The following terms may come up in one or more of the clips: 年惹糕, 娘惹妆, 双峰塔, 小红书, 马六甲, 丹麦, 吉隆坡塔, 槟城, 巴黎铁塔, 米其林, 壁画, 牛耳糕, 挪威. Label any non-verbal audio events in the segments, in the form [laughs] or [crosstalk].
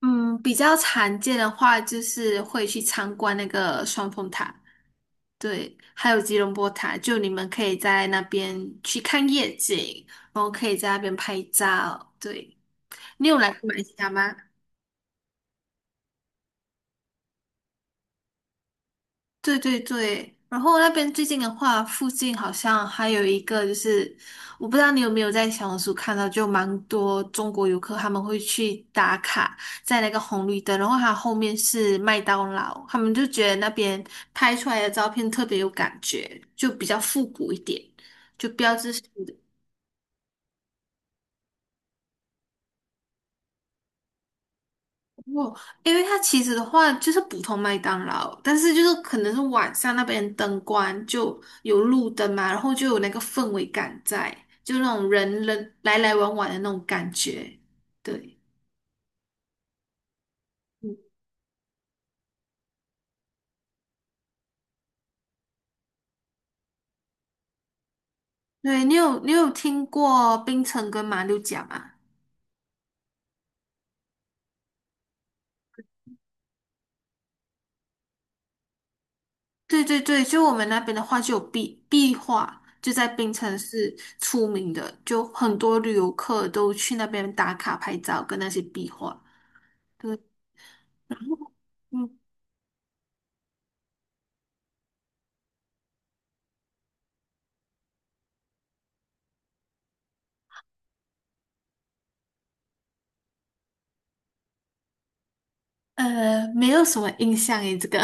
嗯，比较常见的话就是会去参观那个双峰塔。对，还有吉隆坡塔，就你们可以在那边去看夜景，然后可以在那边拍照。对，你有来过马来西亚吗？对对对，然后那边最近的话，附近好像还有一个，就是我不知道你有没有在小红书看到，就蛮多中国游客他们会去打卡在那个红绿灯，然后它后面是麦当劳，他们就觉得那边拍出来的照片特别有感觉，就比较复古一点，就标志性的。哦，因为它其实的话就是普通麦当劳，但是就是可能是晚上那边灯光就有路灯嘛，然后就有那个氛围感在，就那种人人来来往往的那种感觉。对。嗯，对，你有听过槟城跟马六甲吗？对对对，就我们那边的话就有壁画，就在槟城是出名的，就很多旅游客都去那边打卡拍照跟那些壁画。对。嗯。没有什么印象诶，这个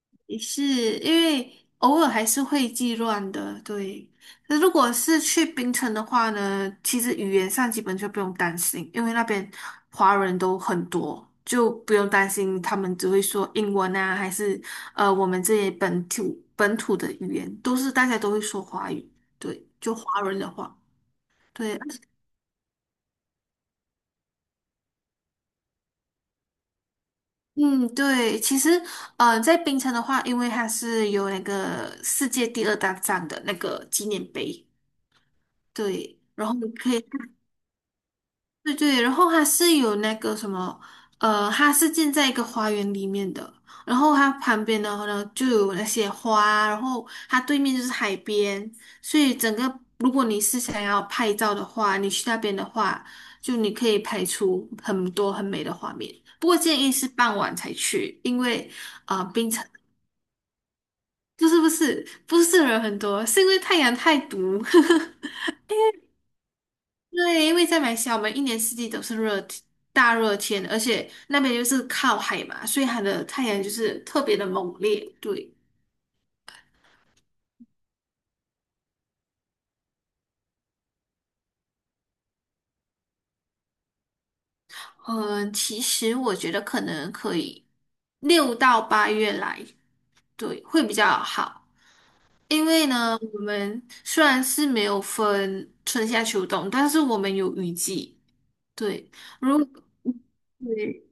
[laughs] 也是因为偶尔还是会记乱的。对。那如果是去槟城的话呢，其实语言上基本就不用担心，因为那边华人都很多，就不用担心他们只会说英文啊，还是我们这些本土的语言，都是大家都会说华语。对，就华人的话。对，嗯，对，其实，在槟城的话，因为它是有那个世界第二大站的那个纪念碑。对，然后你可以对对，然后它是有那个什么，它是建在一个花园里面的，然后它旁边的话呢就有那些花，然后它对面就是海边，所以整个如果你是想要拍照的话，你去那边的话，就你可以拍出很多很美的画面。不过建议是傍晚才去。因为啊、呃冰城不是不是不是人很多，是因为太阳太毒。[laughs] 对，因为在马来西亚，我们一年四季都是热天大热天，而且那边就是靠海嘛，所以它的太阳就是特别的猛烈。对，嗯，其实我觉得可能可以6到8月来，对，会比较好。因为呢，我们虽然是没有分春夏秋冬，但是我们有雨季。对，如对，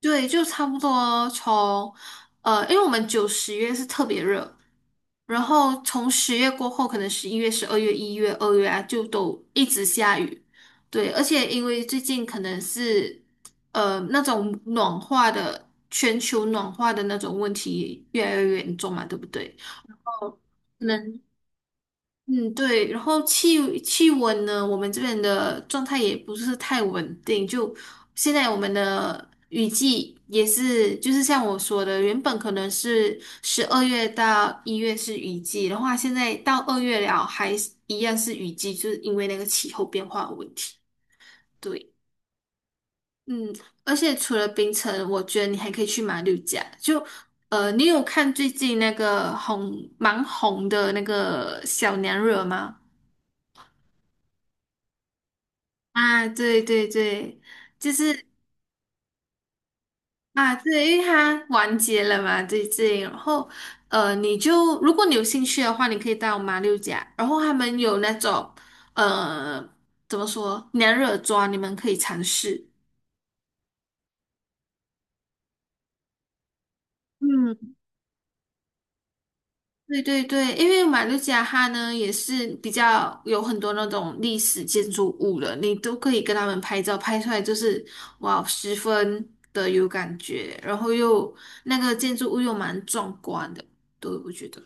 对，就差不多从因为我们九十月是特别热，然后从10月过后，可能11月、12月、1月、2月啊，就都一直下雨。对，而且因为最近可能是那种暖化的全球暖化的那种问题越来越严重嘛，对不对？嗯，对，然后气温呢，我们这边的状态也不是太稳定。就现在我们的雨季也是，就是像我说的，原本可能是12月到1月是雨季的话，现在到二月了还是一样是雨季，就是因为那个气候变化的问题。对。嗯，而且除了槟城，我觉得你还可以去马六甲。就你有看最近那个蛮红的那个小娘惹吗？啊，对对对，就是啊，对，因为它完结了嘛，对对。然后你就如果你有兴趣的话，你可以到马六甲，然后他们有那种呃，怎么说娘惹妆，你们可以尝试。嗯。对对对，因为马六甲它呢也是比较有很多那种历史建筑物了，你都可以跟他们拍照，拍出来就是哇，十分的有感觉，然后又那个建筑物又蛮壮观的。对，我觉得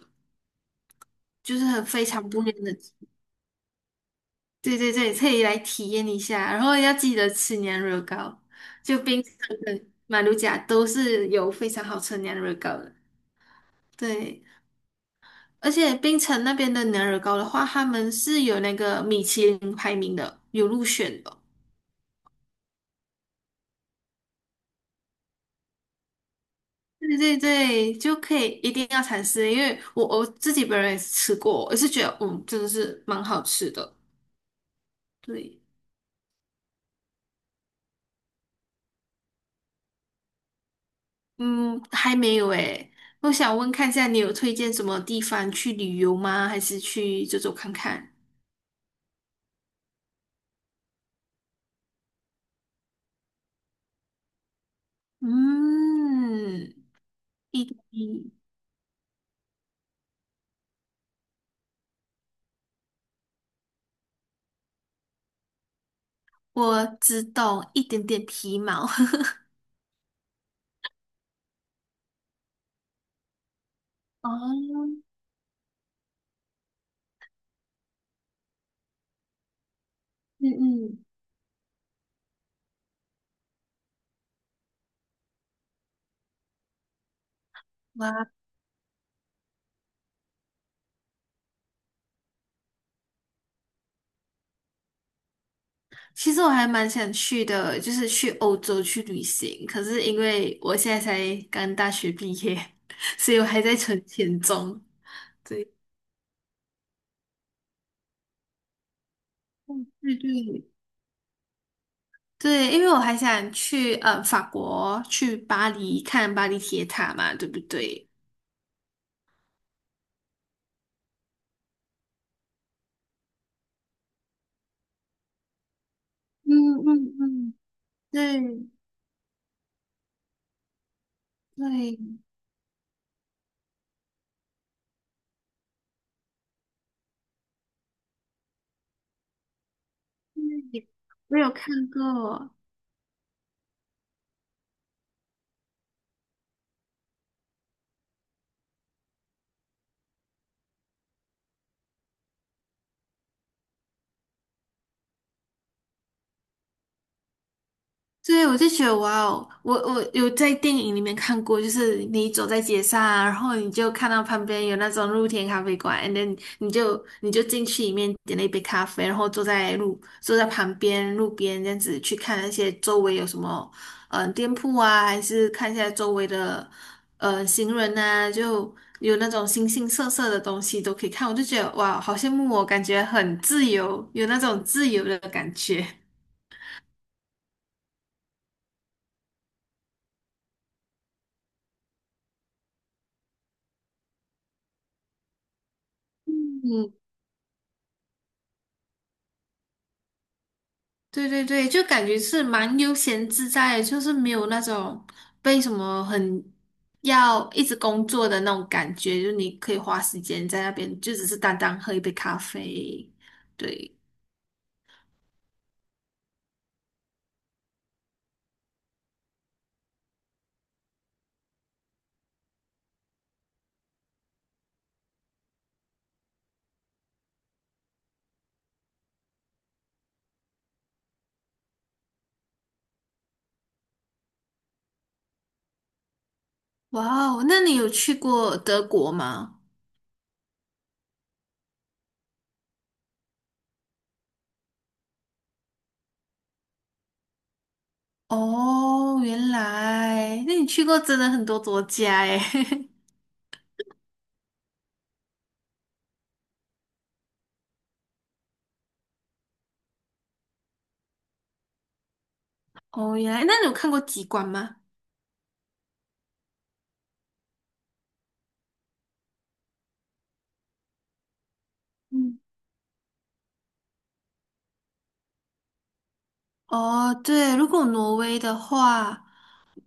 就是很非常不一样的。对对对，可以来体验一下，然后要记得吃年惹糕，就冰城跟马六甲都是有非常好吃年娘惹糕的。对。而且槟城那边的牛耳糕的话，他们是有那个米其林排名的，有入选的。对对对，就可以一定要尝试，因为我自己本人也是吃过，我也是觉得嗯，真的是蛮好吃的。对，嗯，还没有诶，我想问看一下，你有推荐什么地方去旅游吗？还是去走走看看？嗯，一点点我只懂一点点皮毛。[laughs] 哦，嗯嗯，哇。其实我还蛮想去的，就是去欧洲去旅行。可是因为我现在才刚大学毕业，[laughs] 所以我还在存钱中。对对对，因为我还想去法国，去巴黎看巴黎铁塔嘛，对不对？嗯嗯嗯，对对对，我有看过。对，我就觉得哇哦，我有在电影里面看过，就是你走在街上啊，然后你就看到旁边有那种露天咖啡馆，and then 你就进去里面点了一杯咖啡，然后坐在旁边路边这样子去看那些周围有什么店铺啊，还是看一下周围的行人啊，就有那种形形色色的东西都可以看，我就觉得哇，好羡慕我，感觉很自由，有那种自由的感觉。对对对，就感觉是蛮悠闲自在的，就是没有那种被什么很要一直工作的那种感觉，就你可以花时间在那边，就只是单单喝一杯咖啡。对，哇哦，那你有去过德国吗？哦，原来，那你去过真的很多国家诶。[laughs] 哦，原来，那你有看过极光吗？嗯，哦，对，如果挪威的话，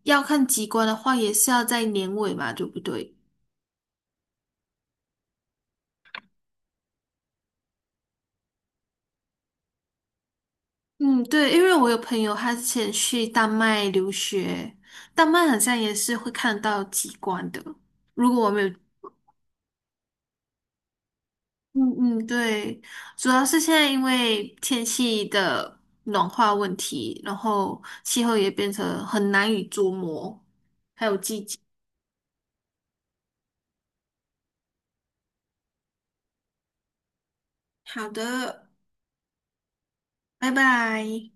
要看极光的话，也是要在年尾嘛，对不对？嗯，对，因为我有朋友，他之前去丹麦留学，丹麦好像也是会看到极光的。如果我没有，嗯嗯，对，主要是现在因为天气的暖化问题，然后气候也变成很难以捉摸，还有季节。好的，拜拜。